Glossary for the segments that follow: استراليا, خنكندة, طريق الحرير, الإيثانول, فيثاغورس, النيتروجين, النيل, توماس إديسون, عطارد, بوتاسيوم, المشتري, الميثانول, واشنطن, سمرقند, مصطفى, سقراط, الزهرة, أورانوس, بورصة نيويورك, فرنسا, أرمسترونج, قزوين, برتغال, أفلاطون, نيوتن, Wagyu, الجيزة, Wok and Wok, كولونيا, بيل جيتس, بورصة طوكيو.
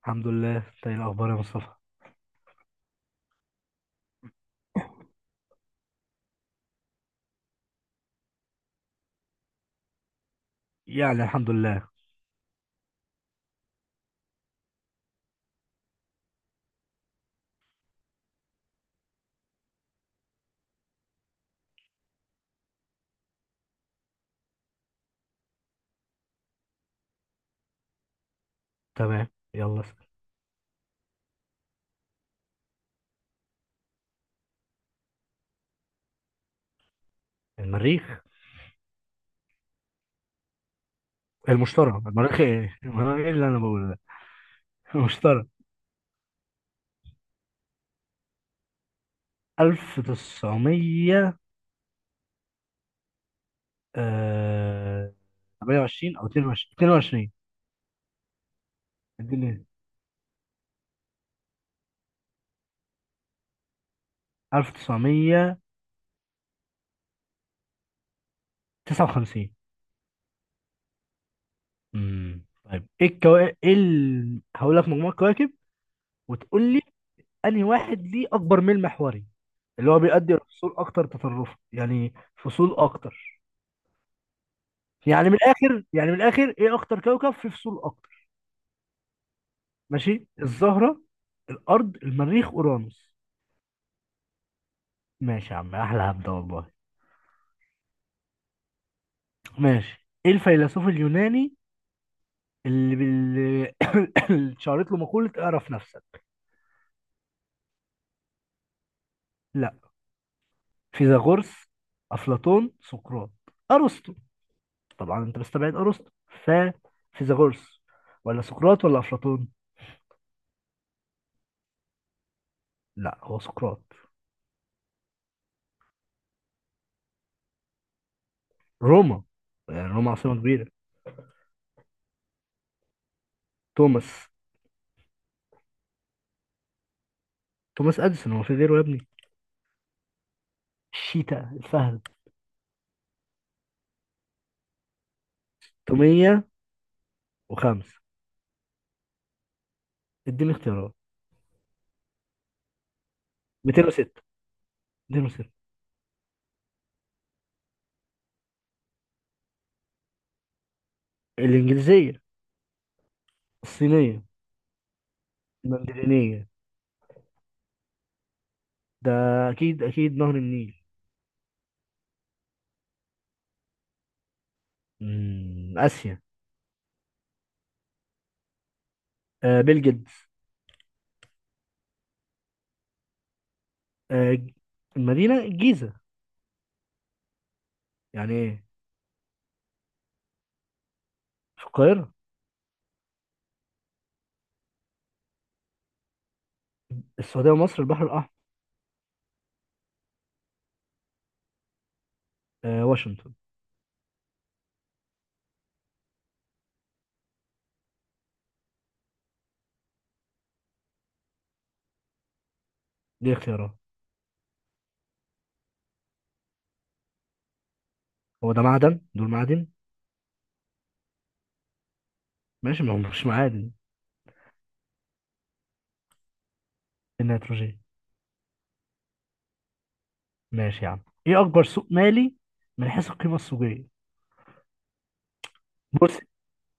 الحمد لله. انت ايه الاخبار يا مصطفى؟ يعني الحمد لله. تمام، يلا اسأل. المريخ. المشتري المريخ ايه المريخ ايه اللي انا بقوله ده؟ المشتري. 1900. آه، 28 او 22. 22. اديني. 1959. امم، طيب ايه الكواكب، هقول لك مجموعة كواكب وتقول لي انهي واحد ليه اكبر ميل محوري، اللي هو بيؤدي الفصول اكتر تطرفا، يعني فصول اكتر. يعني من الاخر ايه اكتر كوكب في فصول اكتر؟ ماشي، الزهره، الارض، المريخ، اورانوس. ماشي يا عم، احلى هبده والله. ماشي، ايه الفيلسوف اليوناني اللي بال... اللي اتشهرت له مقوله اعرف نفسك؟ لا. فيثاغورس، افلاطون، سقراط، ارسطو. طبعا انت مستبعد ارسطو، ف فيثاغورس ولا سقراط ولا افلاطون. لا، هو سقراط. روما، يعني روما عاصمه كبيره. توماس. توماس اديسون، هو في غيره يا ابني؟ الشيتا، الفهد. 305. اديني اختيارات. 206. 206. الإنجليزية. الصينية. المندرينية. ده أكيد أكيد نهر النيل. مم. آسيا. آه، بيل جيتس. آه ج- المدينة الجيزة. يعني إيه؟ في القاهرة. السعودية ومصر، البحر الأحمر. آه، واشنطن. دي اختيارات؟ هو ده معدن؟ دول معادن؟ ماشي، ما هو مش معادن. النيتروجين. ماشي يا عم. إيه أكبر سوق مالي من حيث القيمة السوقية؟ بورصة،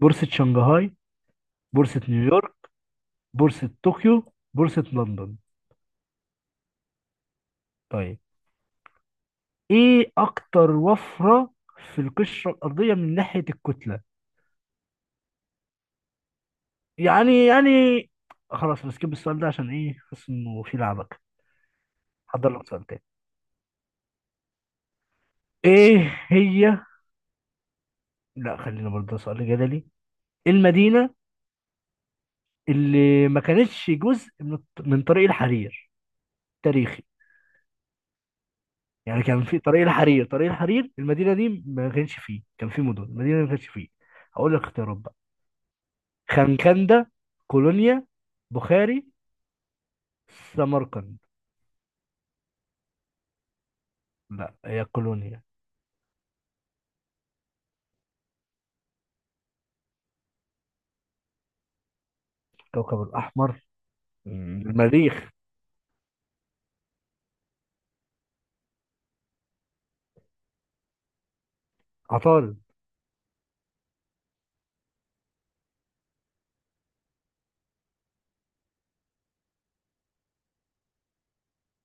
بورصة شنغهاي، بورصة نيويورك، بورصة طوكيو، بورصة لندن. طيب، ايه اكتر وفرة في القشرة الأرضية من ناحية الكتلة؟ يعني خلاص بسكيب السؤال ده، عشان ايه حاسس انه في لعبك. حضر لك سؤال تاني. ايه هي لا خلينا برضه سؤال جدلي. المدينة اللي ما كانتش جزء من طريق الحرير تاريخي. يعني كان في طريق الحرير، طريق الحرير المدينة دي ما كانش فيه، كان في مدن المدينة دي ما كانش فيه. هقول لك اختيارات. خنكندة، كولونيا، بخاري، سمرقند. لا، هي كولونيا. كوكب الأحمر؟ مم. المريخ. عطارد.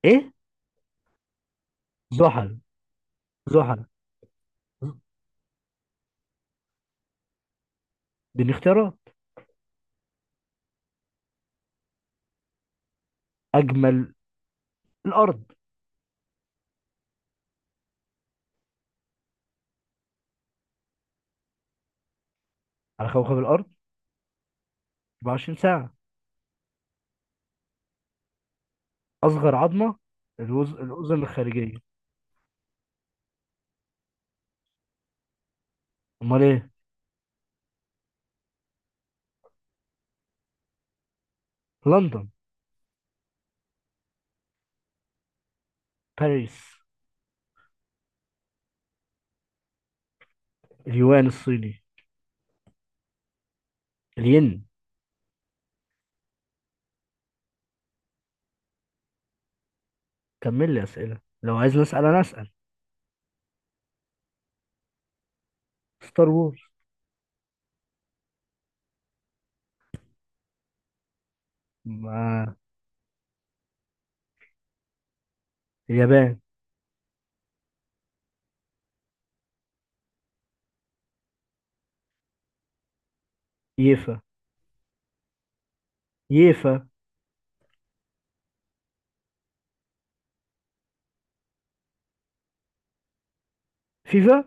إيه؟ زحل، زحل. دي اختيارات؟ أجمل، الأرض. على كوكب الأرض. 24 ساعة. أصغر عظمة، الوز... الأذن الخارجية. أمال إيه؟ لندن. باريس. اليوان الصيني. الين. كمل لي أسئلة، لو عايز نسأل أنا أسأل. ستار وورز. ما- اليابان. ييفا. ييفا. فيفا.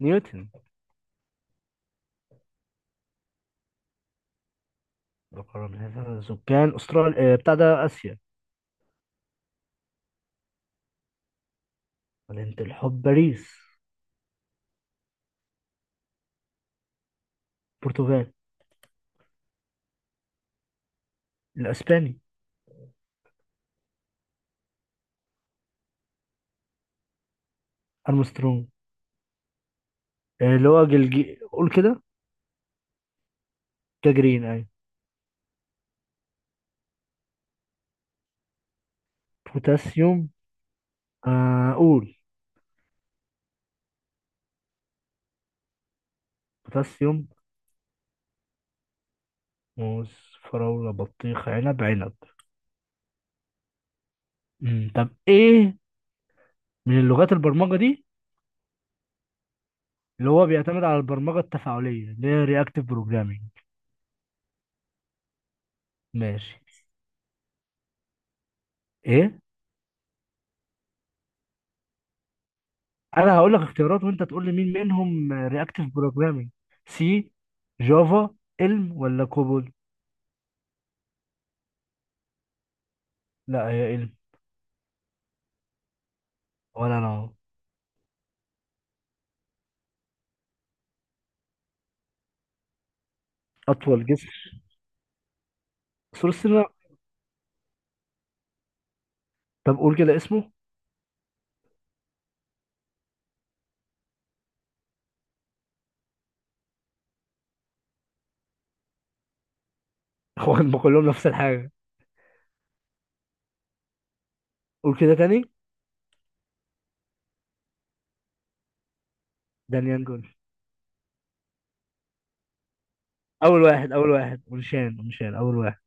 نيوتن. القرن هذا سكان استراليا، آه، بتاع ده اسيا. مدينة الحب، باريس. برتغال. الاسباني. ارمسترونج. آه، اللي هو جلجي، قول كده. كجرين، ايوه. بوتاسيوم. آه، قول. بوتاسيوم، موز، فراولة، بطيخ، عنب، عنب. مم، طب ايه من اللغات البرمجة دي اللي هو بيعتمد على البرمجة التفاعلية اللي هي رياكتيف بروجرامينج؟ ماشي، ايه؟ انا هقول لك اختيارات وانت تقول لي مين منهم رياكتيف بروجرامينج. سي، جافا، علم، ولا؟ لا، هي علم. ولا انا أهو. اطول جسر؟ سور السينما. طب قول كده اسمه. هو هم كلهم نفس الحاجه. قول كده تاني. دانيان جون. اول واحد، اول واحد، ونشان، ونشان اول واحد.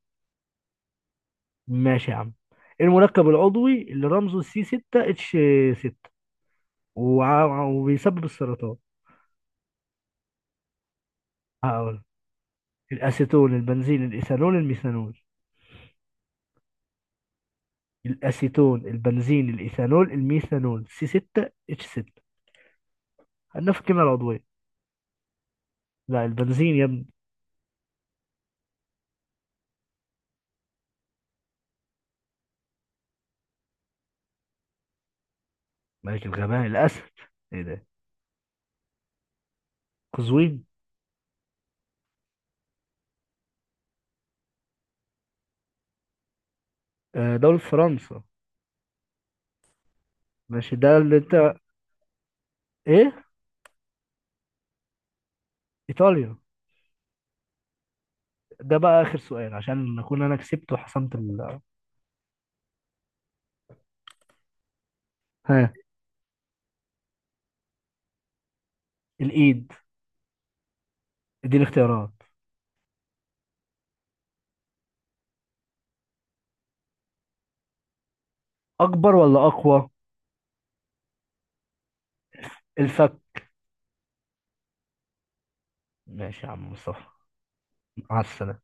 ماشي يا عم. إيه المركب العضوي اللي رمزه سي 6 اتش 6 وبيسبب السرطان؟ هقول. الاسيتون، البنزين، الايثانول، الميثانول. الاسيتون، البنزين، الايثانول، الميثانول، سي 6 اتش 6 عندنا في الكيمياء العضويه. لا، البنزين يا ابني. ملك الغباء، الاسد. ايه ده؟ قزوين. آه، دولة فرنسا. ماشي، ده اللي انت. ايه؟ ايطاليا. ده بقى اخر سؤال عشان اكون انا كسبت وحسمت ال... ها. الايد. دي الاختيارات؟ اكبر ولا اقوى؟ الفك. ماشي يا عم مصطفى. مع السلامة.